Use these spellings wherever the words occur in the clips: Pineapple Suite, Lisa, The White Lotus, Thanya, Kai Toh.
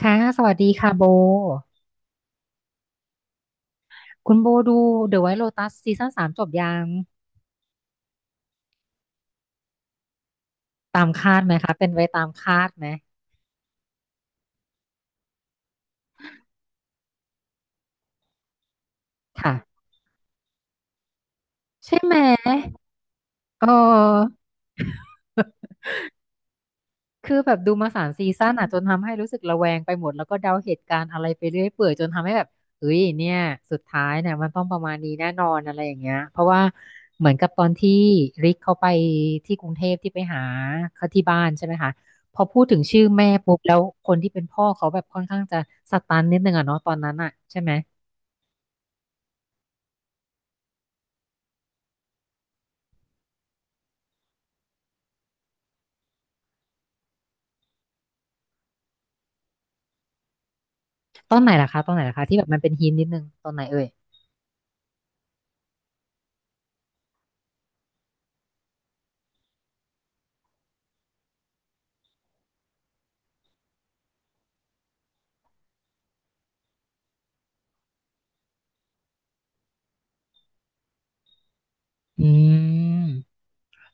ค่ะสวัสดีค่ะโบคุณโบดู The White Lotus ซีซั่นสามจบยังตามคาดไหมคะเป็นไปตามคาดไหมค่ะใช่ไหมเออ คือแบบดูมาสามซีซั่นอ่ะจนทำให้รู้สึกระแวงไปหมดแล้วก็เดาเหตุการณ์อะไรไปเรื่อยเปื่อยจนทำให้แบบเฮ้ยเนี่ยสุดท้ายเนี่ยมันต้องประมาณนี้แน่นอนอะไรอย่างเงี้ยเพราะว่าเหมือนกับตอนที่ริกเขาไปที่กรุงเทพที่ไปหาเขาที่บ้านใช่ไหมคะพอพูดถึงชื่อแม่ปุ๊บแล้วคนที่เป็นพ่อเขาแบบค่อนข้างจะสตันนิดนึงอะเนาะตอนนั้นอะใช่ไหมตอนไหนล่ะคะตอนไหนล่ะคะที่แบบมันเป็นฮินนิดนึงตอนไหนเอ่ยอืม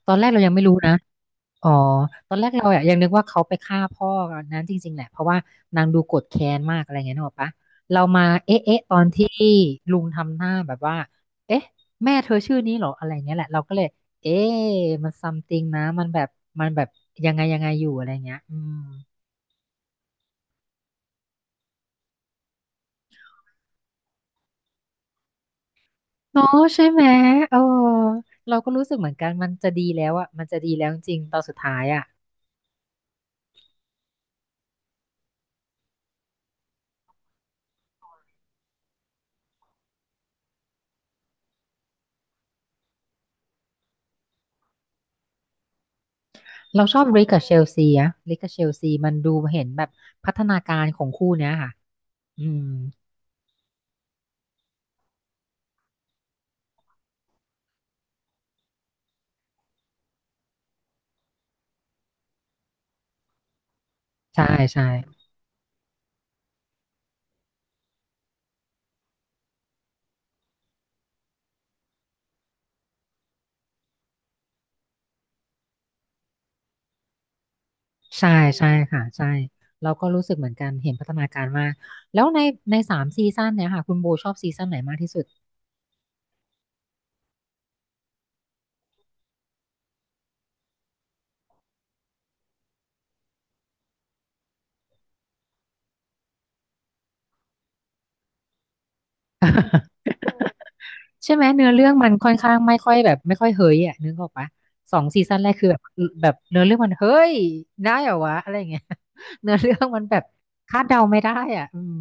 ตอนแรกเรายังไม่รู้นะ อ๋อตอนแรกเราอะยังนึกว่าเขาไปฆ่าพ่อนั้นจริงๆแหละเพราะว่านางดูโกรธแค้นมากอะไรเงี้ยนึกออกปะเรามาเอ๊ะเอ๊ะตอนที่ลุงทำหน้าแบบว่าเอ๊ะแม่เธอชื่อนี้เหรออะไรเงี้ยแหละเราก็เลยเอ๊ะมันซัมติงนะมันแบบยังไงยังไงอยู่อะไรเงี้ยอืมเนาะใช่ไหมเออเราก็รู้สึกเหมือนกันมันจะดีแล้วอะมันจะดีแล้วจริงๆตอนสุดท้ายอะเราชอบริกกับเชลซีอะริกกับเชลซีมันดูเห็นแบบพัฒนาการของคู่เนี้ยค่ะอืม ใช่ใช่ใช่ใช่ค่ะใช่เราก็รู้สึกเหมือนกันเห็นพัฒนาการมากแล้วในสามซีซั่นเนี่ยค่ะคุณโบชอบซีซั่นไหนมากที่สุดใช่ไหมเนื้อเรื่องมันค่อนข้างไม่ค่อยแบบไม่ค่อยเฮ้ยอ่ะนึกออกปะสองซีซั่นแรกคือแบบแบบเนื้อเรื่องมันเฮ้ยได้เหรอวะอะไรอย่างเงี้ย เนื้อเรื่องมันแบบคาดเดาไม่ได้อ่ะอืม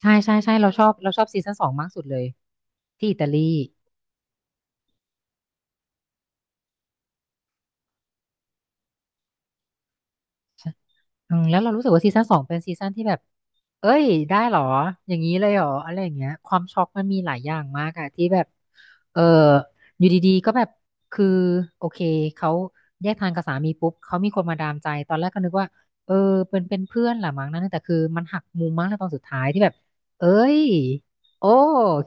ใช่ใช่ใช่เราชอบเราชอบซีซั่นสองมากสุดเลยที่อิตาลี อืมแล้วเรารู้สึกว่าซีซั่นสองเป็นซีซั่นที่แบบเอ้ยได้เหรอ อย่างนี้เลยเหรอ อะไรอย่างเงี้ยความช็อกมันมีหลายอย่างมากอะที่แบบเอออยู่ดีๆก็แบบคือโอเคเขาแยกทางกับสามีปุ๊บ เขามีคนมาดามใจตอนแรกก็นึกว่าเออเป็นเป็นเพื่อนแหละมั้งนะแต่คือมันหักมุมมากในตอนสุดท้ายที่แบบเอ้ยโอ้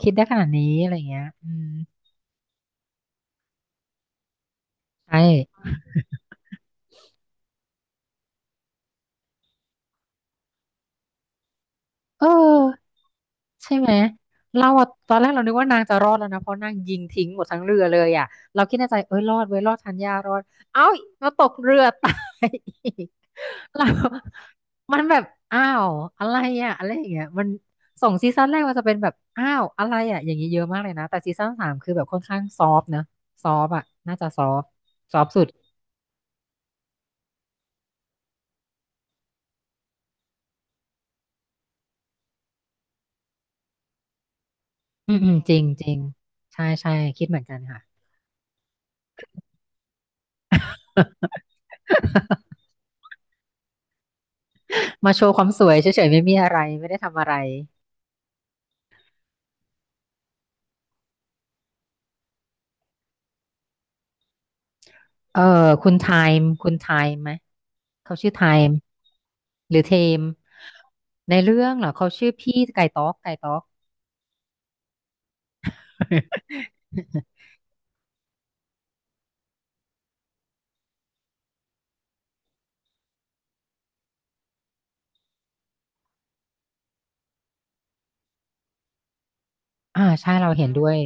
คิดได้ขนาดนี้อะไรอย่างเงี้ยอืมใช่เออ ใช่ไหมเราอะตอนแรกเรานึกว่านางจะรอดแล้วนะเพราะนางยิงทิ้งหมดทั้งเรือเลยอ่ะเราคิดในใจเอ้ยรอดเว้ยรอดชันญารอดเอ้ามาตกเรือตาย อีกเรามันแบบอ้าวอะไรอ่ะอะไรอย่างเงี้ยมันสองซีซั่นแรกมันจะเป็นแบบอ้าวอะไรอ่ะอย่างนี้เยอะมากเลยนะแต่ซีซั่นสามคือแบบค่อนข้างซอฟต์นะซอฟต์อ่ะน่าจะซอฟต์ซอฟต์สุดอืมอืมจริงจริงใช่ใช่คิดเหมือนกันค่ะ มาโชว์ความสวยเฉยๆไม่มีอะไรไม่ได้ทำอะไร เออคุณไทม์คุณไทม์ไหมเขาชื่อไทม์หรือเทมในเรื่องเหรอเขาชื่อพี่ไก่ต๊ อกไก่ต๊อก อ่าใช่เราเห็นด้วย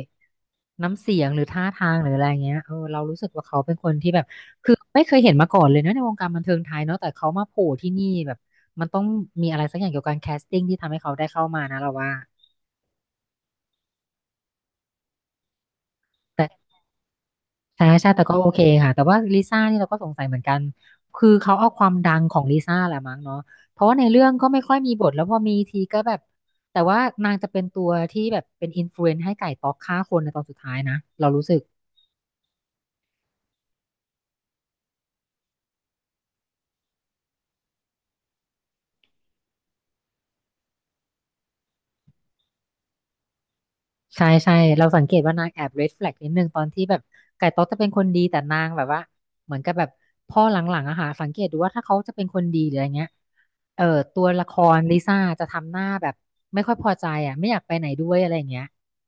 น้ำเสียงหรือท่าทางหรืออะไรเงี้ยเออเรารู้สึกว่าเขาเป็นคนที่แบบคือไม่เคยเห็นมาก่อนเลยนะในวงการบันเทิงไทยเนาะแต่เขามาโผล่ที่นี่แบบมันต้องมีอะไรสักอย่างเกี่ยวกับการแคสติ้งที่ทำให้เขาได้เข้ามานะเราว่า ใช่ใช่แต่ก็โอเคค่ะแต่ว่าลิซ่านี่เราก็สงสัยเหมือนกันคือเขาเอาความดังของลิซ่าแหละมั้งเนาะเพราะว่าในเรื่องก็ไม่ค่อยมีบทแล้วพอมีทีก็แบบแต่ว่านางจะเป็นตัวที่แบบเป็นอินฟลูเอนซ์ให้ไก่ต๊อกฆ่าคนในตอนสุดท้ายนะเรารู้สึก ใช่ใช่เราสังเกตว่านางแอบ red flag นิดนึงตอนที่แบบไก่ต๊อกจะเป็นคนดีแต่นางแบบว่าเหมือนกับแบบพ่อหลังๆอะค่ะสังเกตดูว่าถ้าเขาจะเป็นคนดีหรืออะไรเงี้ยเออตัวละครลิซ่าจะทำหน้าแบบไม่ค่อยพอใจอะไม่อยากไปไหนด้วยอะไรอย่างเงี้ย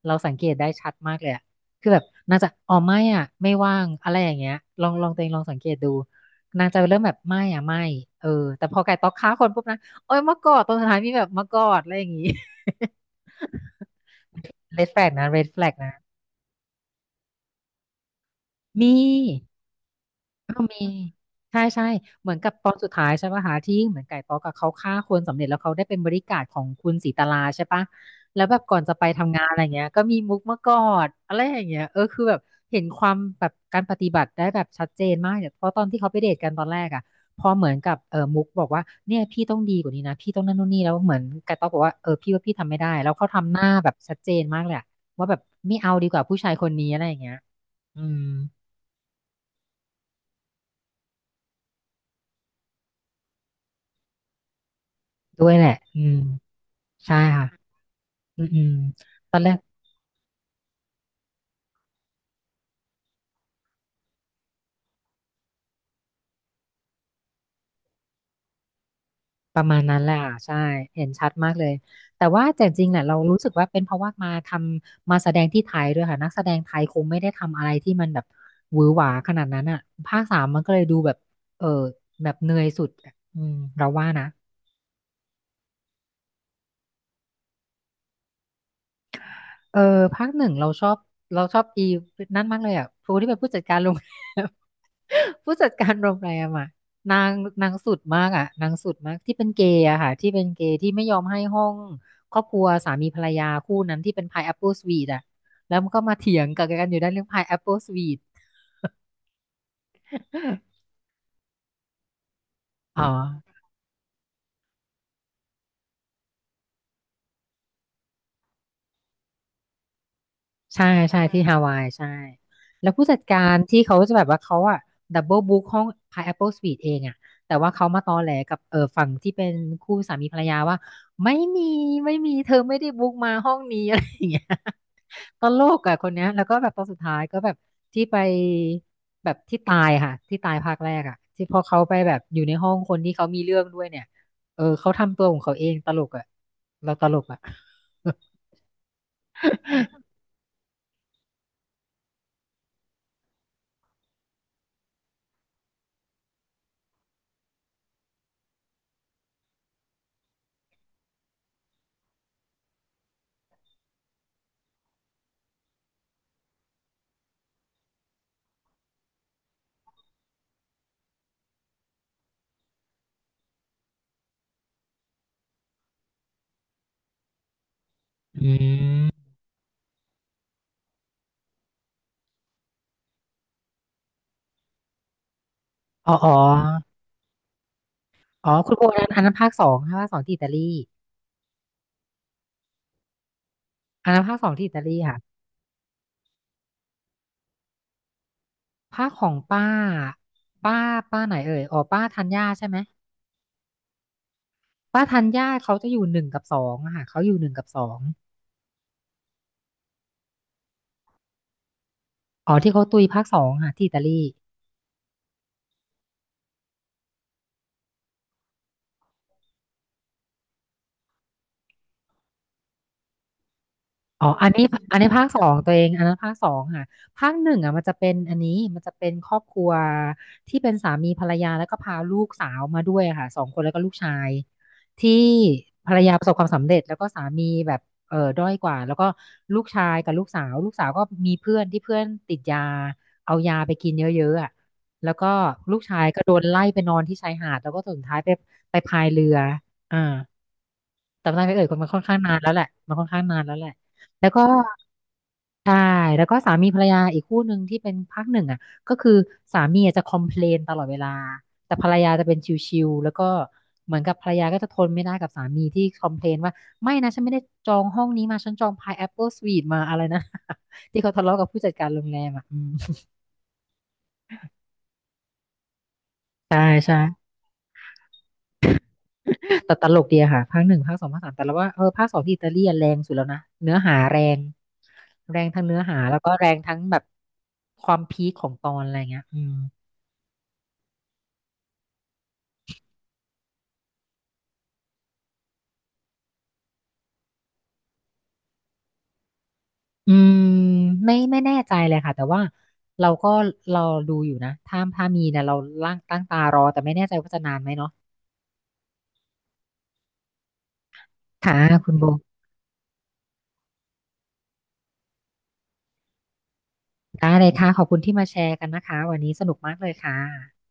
เราสังเกตได้ชัดมากเลยอะคือแบบนางจะอ๋อไม่อ่ะไม่ว่างอะไรอย่างเงี้ยลองลองตัวเองลองสังเกตดูนางจะเริ่มแบบไม่อ่ะไม่เออแต่พอไก่ต๊อกฆ่าคนปุ๊บนะโอ้ยมากอดตรงสุดท้ายมีแบบมากอดอะไรอย่างงี้ เรดแฟลกนะเรดแฟลกนะมี ก็มีใช่ใช่เหมือนกับตอนสุดท้ายใช่ปะหาที่เหมือนไก่ต๊อกกับเขาฆ่าคนสำเร็จแล้วเขาได้เป็นบริการดของคุณศรีตลาใช่ปะแล้วแบบก่อนจะไปทำงานอะไรเงี้ยก็มีมุกมากอดอะไรอย่างเงี้ยคือแบบเห็นความแบบการปฏิบัติได้แบบชัดเจนมากเนี่ยเพราะตอนที่เขาไปเดทกันตอนแรกอ่ะพอเหมือนกับมุกบอกว่าเนี่ยพี่ต้องดีกว่านี้นะพี่ต้องนั่นนู่นนี่แล้วเหมือนไก่ต๊อกบอกว่าเออพี่ว่าพี่ทำไม่ได้แล้วเขาทำหน้าแบบชัดเจนมากเลยอะว่าแบบไม่เอาดีกว่าผู้ชายคนนี้อะไรอย่างเงี้ยอืมด้วยแหละอืม ใช่ค่ะอืมอืมตอนแรกประมาณนั้นแหละค่ะ ใช่ เห็นชัดมากเลย แต่ว่าแต่จริงๆเนี่ยเรารู้สึกว่าเป็นเพราะว่ามาทำมาแสดงที่ไทยด้วยค่ะนักแสดงไทยคงไม่ได้ทำอะไรที่มันแบบหวือหวาขนาดนั้นอ่ะภาคสามมันก็เลยดูแบบเออแบบเหนื่อยสุดอะอืมเราว่านะ เออภาคหนึ่งเราชอบอีนั่นมากเลยอ่ะครูที่เป็นผู้จัดการโรง แรม ผู้จัดการโรงแรมอ่ะนางนางสุดมากอ่ะนางสุดมากที่เป็นเกย์อะค่ะที่เป็นเกย์ที่ไม่ยอมให้ห้องครอบครัวสามีภรรยาคู่นั้นที่เป็นพายแอปเปิลสวีทอ่ะแล้วมันก็มาเถียงกับกันอยู่ได้านเรื่องพายแอปเปิลสวีท อ๋อ ใช่ใช่ที่ฮาวายใช่แล้วผู้จัดการที่เขาจะแบบว่าเขาอะดับเบิลบุ๊กห้อง Pineapple Suite เองอะแต่ว่าเขามาตอแหลกับฝั่งที่เป็นคู่สามีภรรยาว่าไม่มีไม่มีเธอไม่ได้บุ๊กมาห้องนี้ อะไรอย่างเงี้ยตลกอะคนเนี้ยแล้วก็แบบตอนสุดท้ายก็แบบที่ไปแบบที่ตายค่ะที่ตายภาคแรกอะที่พอเขาไปแบบอยู่ในห้องคนที่เขามีเรื่องด้วยเนี่ยเออเขาทำตัวของเขาเองตลกอะเราตลกอะ อืม อ๋ออ๋อ อ๋อ คุณโบนั้นอันนั้นภาคสองค่ะภาคสองที่อิตาลีอันนั้นภาคสองที่อิตาลีค่ะ ภาคของป้า ป้า ป้าไหนเอ่ยอ๋อป้าธัญญาใช่ไหม ป้าธัญญาเขาจะอยู่หนึ่งกับสองอะค่ะเขาอยู่หนึ่งกับสองอ๋อที่เขาตุยภาคสองค่ะที่อิตาลี อ๋ออันนี้ภาคสองตัวเองอันนั้นภาคสองค่ะภาคหนึ่งอ่ะมันจะเป็นอันนี้มันจะเป็นครอบครัวที่เป็นสามีภรรยาแล้วก็พาลูกสาวมาด้วยอะค่ะสองคนแล้วก็ลูกชายที่ภรรยาประสบความสำเร็จแล้วก็สามีแบบเออด้อยกว่าแล้วก็ลูกชายกับลูกสาวลูกสาวก็มีเพื่อนที่เพื่อนติดยาเอายาไปกินเยอะๆอ่ะแล้วก็ลูกชายก็โดนไล่ไปนอนที่ชายหาดแล้วก็สุดท้ายไปพายเรืออ่า แต่ไม่ันเอ่ยคนมันค่อนข้างนานแล้วแหละมันค่อนข้างนานแล้วแหละแล้วก็ใช่แล้วก็สามีภรรยาอีกคู่หนึ่งที่เป็นภาคหนึ่งอ่ะก็คือสามีอะจะคอมเพลนตลอดเวลาแต่ภรรยาจะเป็นชิลๆแล้วก็เหมือนกับภรรยาก็จะทนไม่ได้กับสามีที่คอมเพลนว่าไม่นะฉันไม่ได้จองห้องนี้มาฉันจองพายแอปเปิลสวีทมาอะไรนะ ที่เขาทะเลาะกับผู้จัดการโรงแรมอ่ะอืมใช่ใช่แต่ตลกดีอะค่ะภาคหนึ่งภาคสองภาคสามแต่เราว่าภาคสองที่อิตาลีอะแรงสุดแล้วนะเนื้อหาแรง แรงทั้งเนื้อหาแล้วก็แรงทั้งแบบความพีคของตอนอะไรเงี้ยอืมอืมไม่แน่ใจเลยค่ะ แต่ว่าเราก็เราดูอยู่นะถ้ามีเนี่ยเราล่างตั้งตารอ แต่ไม่แน่ใจว่าจะนานไหมเนาะค่ะคุณโบได้เลยค่ะขอบคุณที่มาแชร์กันนะคะวันนี้สนุกมากเลยค่ะ